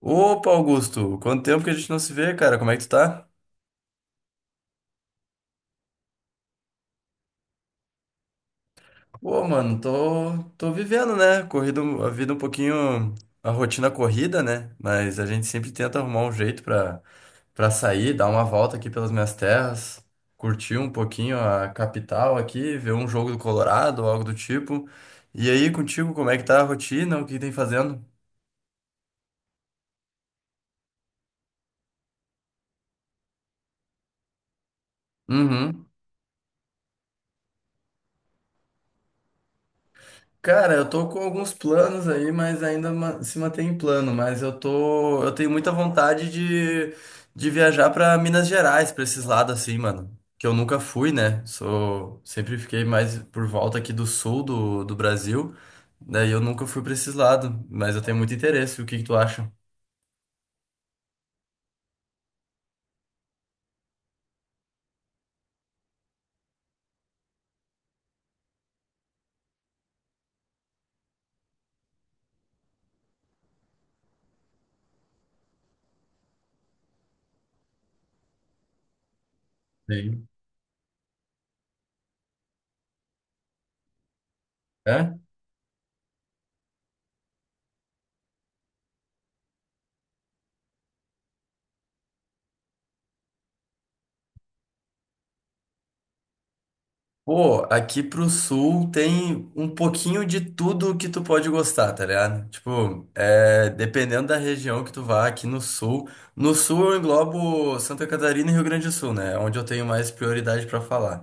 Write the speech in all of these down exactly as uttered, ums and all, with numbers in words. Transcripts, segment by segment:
Opa, Augusto, quanto tempo que a gente não se vê, cara? Como é que tu tá? Pô, mano, tô, tô vivendo, né? Corrido, a vida um pouquinho, a rotina corrida, né? Mas a gente sempre tenta arrumar um jeito pra, pra sair, dar uma volta aqui pelas minhas terras, curtir um pouquinho a capital aqui, ver um jogo do Colorado ou algo do tipo. E aí, contigo, como é que tá a rotina? O que tem fazendo? Uhum. Cara, eu tô com alguns planos aí, mas ainda ma- se mantém em plano. Mas eu tô, eu tenho muita vontade de, de viajar pra Minas Gerais, pra esses lados assim, mano. Que eu nunca fui, né? Sou, sempre fiquei mais por volta aqui do sul do, do Brasil. Daí eu nunca fui pra esses lados, mas eu tenho muito interesse. O que que tu acha? Sim. É? Pô, aqui pro sul tem um pouquinho de tudo que tu pode gostar, tá ligado? Tipo, é, dependendo da região que tu vá aqui no sul. No sul eu englobo Santa Catarina e Rio Grande do Sul, né? É onde eu tenho mais prioridade pra falar.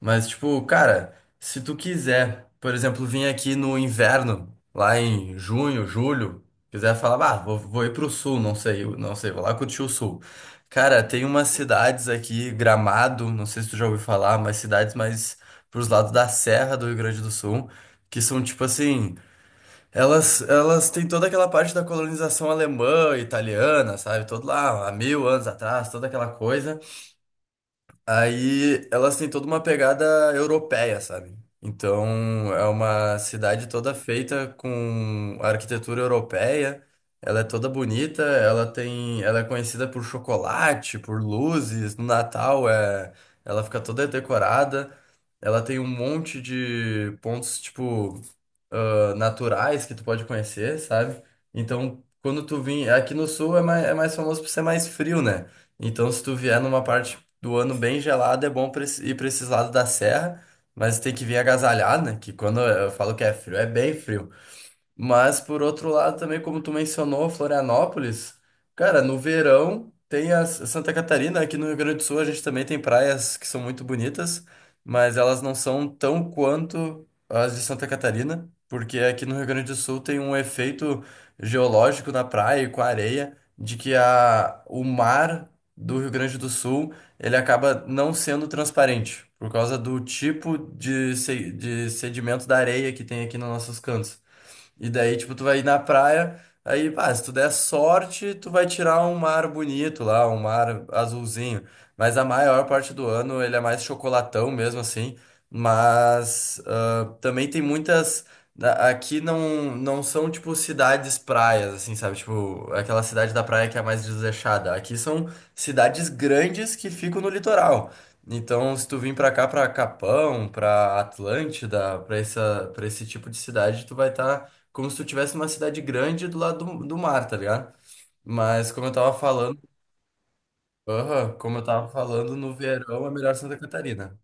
Mas, tipo, cara, se tu quiser, por exemplo, vir aqui no inverno, lá em junho, julho, quiser falar, bah, vou, vou ir pro sul, não sei, eu não sei, vou lá curtir o sul. Cara, tem umas cidades aqui, Gramado, não sei se tu já ouviu falar, mas cidades mais pros lados da Serra do Rio Grande do Sul, que são tipo assim, elas, elas têm toda aquela parte da colonização alemã, italiana, sabe? Todo lá, há mil anos atrás, toda aquela coisa. Aí elas têm toda uma pegada europeia, sabe? Então é uma cidade toda feita com arquitetura europeia. Ela é toda bonita, ela tem, ela é conhecida por chocolate, por luzes. No Natal é, ela fica toda decorada. Ela tem um monte de pontos tipo ah, naturais que tu pode conhecer, sabe? Então quando tu vem aqui no sul é mais, é mais famoso por ser mais frio, né? Então, se tu vier numa parte do ano bem gelado é bom pra esse- ir para esses lados da serra, mas tem que vir agasalhado, né? Que quando eu falo que é frio, é bem frio. Mas, por outro lado, também, como tu mencionou, Florianópolis, cara, no verão tem a S- Santa Catarina, aqui no Rio Grande do Sul a gente também tem praias que são muito bonitas, mas elas não são tão quanto as de Santa Catarina, porque aqui no Rio Grande do Sul tem um efeito geológico na praia e com a areia, de que a, o mar do Rio Grande do Sul, ele acaba não sendo transparente, por causa do tipo de, se- de sedimento da areia que tem aqui nos nossos cantos. E daí, tipo, tu vai ir na praia, aí, pá, se tu der sorte, tu vai tirar um mar bonito lá, um mar azulzinho. Mas a maior parte do ano ele é mais chocolatão mesmo, assim. Mas ah, também tem muitas. na- Aqui não, não são, tipo, cidades praias, assim, sabe? Tipo, aquela cidade da praia que é mais desleixada. Aqui são cidades grandes que ficam no litoral. Então, se tu vir pra cá, pra Capão, pra Atlântida, pra essa, pra esse tipo de cidade, tu vai estar como se tu tivesse uma cidade grande do lado do, do mar, tá ligado? Mas como eu tava falando, aham, como eu tava falando, no verão é melhor Santa Catarina.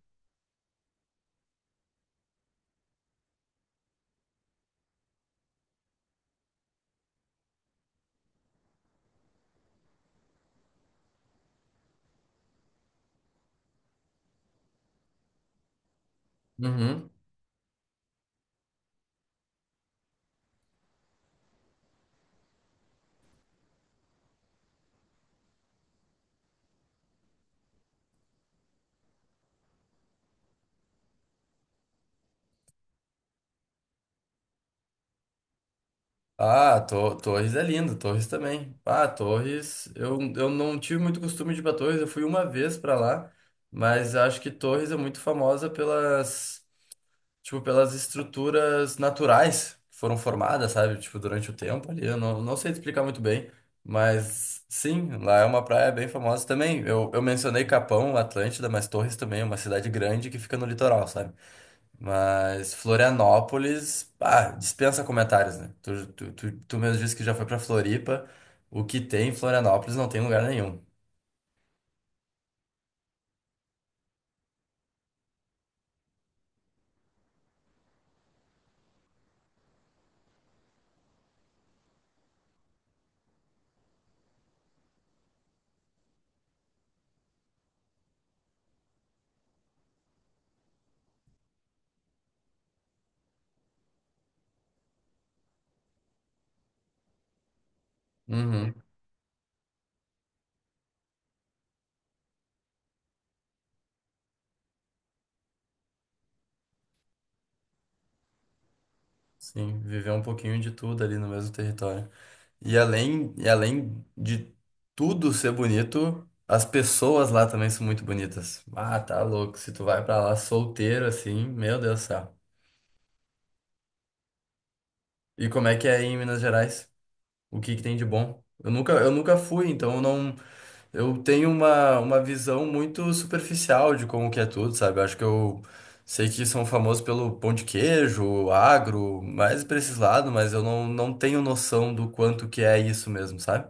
Uhum. Ah, to- Torres é lindo, Torres também. Ah, Torres, eu, eu não tive muito costume de ir pra Torres, eu fui uma vez pra lá, mas acho que Torres é muito famosa pelas tipo, pelas estruturas naturais que foram formadas, sabe? Tipo, durante o tempo ali. Eu não, não sei te explicar muito bem, mas sim, lá é uma praia bem famosa também. Eu, eu mencionei Capão, Atlântida, mas Torres também é uma cidade grande que fica no litoral, sabe? Mas Florianópolis, ah, dispensa comentários, né? Tu, tu, tu, tu mesmo disse que já foi pra Floripa. O que tem em Florianópolis não tem em lugar nenhum. Uhum. Sim, viver um pouquinho de tudo ali no mesmo território. E além, e além de tudo ser bonito, as pessoas lá também são muito bonitas. Ah, tá louco. Se tu vai pra lá solteiro assim, meu Deus do céu. E como é que é aí em Minas Gerais? O que que tem de bom? Eu nunca, eu nunca fui, então eu não, eu tenho uma, uma visão muito superficial de como que é tudo, sabe? Eu acho que eu sei que são famosos pelo pão de queijo, agro, mais pra esses lados, mas eu não, não tenho noção do quanto que é isso mesmo, sabe?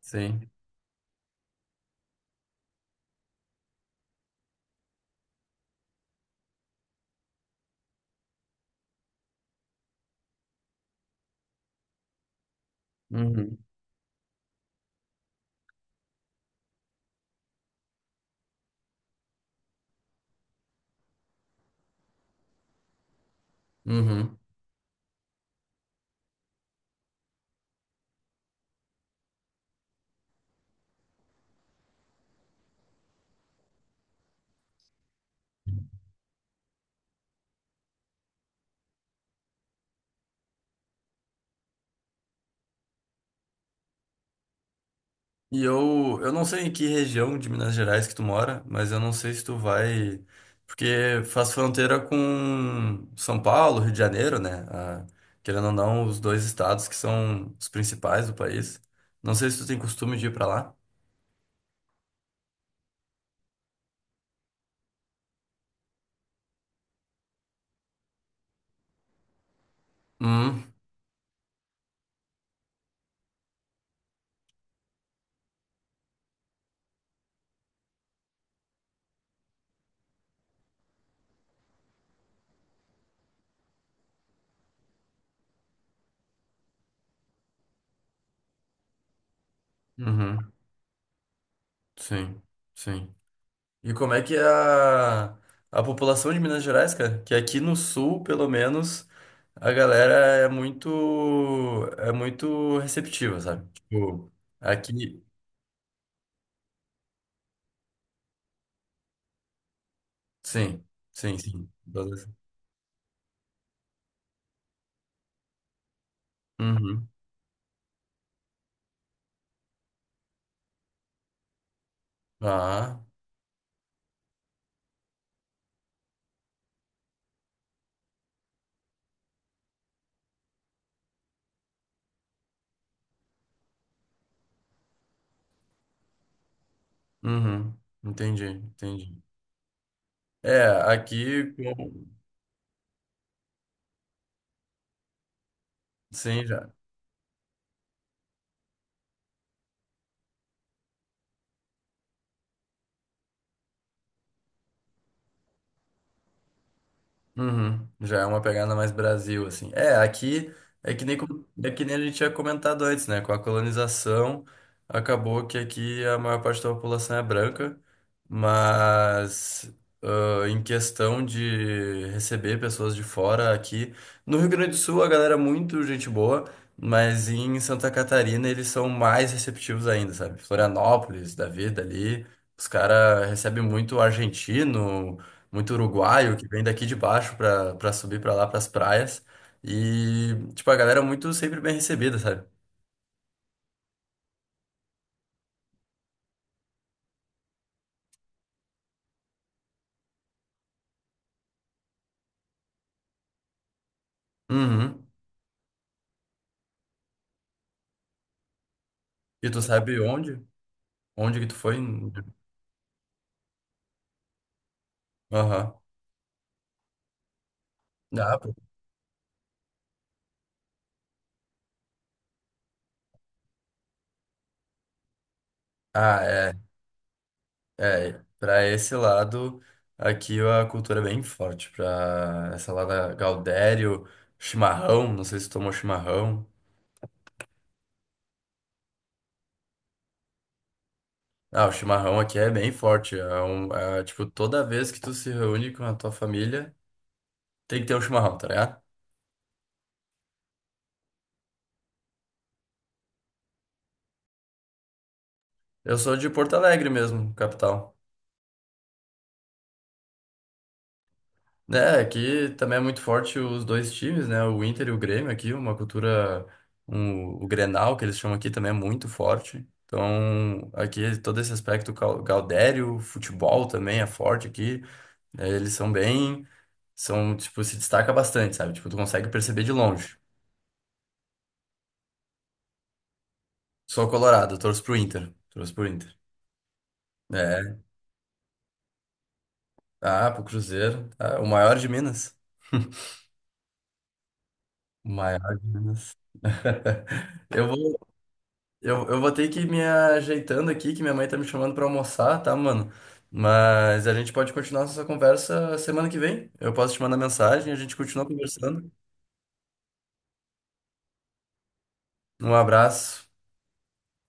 Sim. Uhum. Uhum. E eu, eu não sei em que região de Minas Gerais que tu mora, mas eu não sei se tu vai. Porque faz fronteira com São Paulo, Rio de Janeiro, né? Ah, querendo ou não, os dois estados que são os principais do país. Não sei se tu tem costume de ir pra lá. Hum. Hum. Uhum, sim, sim. E como é que é a, a população de Minas Gerais, cara? Que aqui no sul, pelo menos, a galera é muito, é muito receptiva, sabe? Tipo, aqui. Sim, sim, sim. Todas... Uhum. Ah, uhum. Entendi, entendi. É, aqui, com... sim, já. Uhum, já é uma pegada mais Brasil, assim. É, aqui é que nem, como... é que nem a gente tinha comentado antes, né? Com a colonização, acabou que aqui a maior parte da população é branca, mas ah, em questão de receber pessoas de fora aqui. No Rio Grande do Sul, a galera é muito gente boa, mas em Santa Catarina eles são mais receptivos ainda, sabe? Florianópolis, da vida ali, os caras recebem muito argentino muito uruguaio que vem daqui de baixo pra, pra subir pra lá, pras praias. E, tipo, a galera é muito sempre bem recebida, sabe? Uhum. E tu sabe onde? Onde que tu foi? Aham. Ah, pô. Ah, é. É, pra esse lado, aqui a cultura é bem forte. Pra essa lá da Gaudério, chimarrão, não sei se tu tomou chimarrão. Ah, o chimarrão aqui é bem forte. É um, é, tipo, toda vez que tu se reúne com a tua família, tem que ter um chimarrão, tá ligado? Eu sou de Porto Alegre mesmo, capital. É, aqui também é muito forte os dois times, né? O Inter e o Grêmio aqui, uma cultura, um- o Grenal, que eles chamam aqui, também é muito forte. Então, aqui todo esse aspecto gal- gaudério, futebol também é forte aqui. É, eles são bem, são, tipo, se destaca bastante, sabe? Tipo, tu consegue perceber de longe. Sou colorado, torço pro Inter. Torço pro Inter. É. Ah, pro Cruzeiro. Ah, o maior de Minas. O maior de Minas. Eu vou. Eu, eu vou ter que ir me ajeitando aqui, que minha mãe tá me chamando pra almoçar, tá, mano? Mas a gente pode continuar essa conversa semana que vem. Eu posso te mandar mensagem, a gente continua conversando. Um abraço.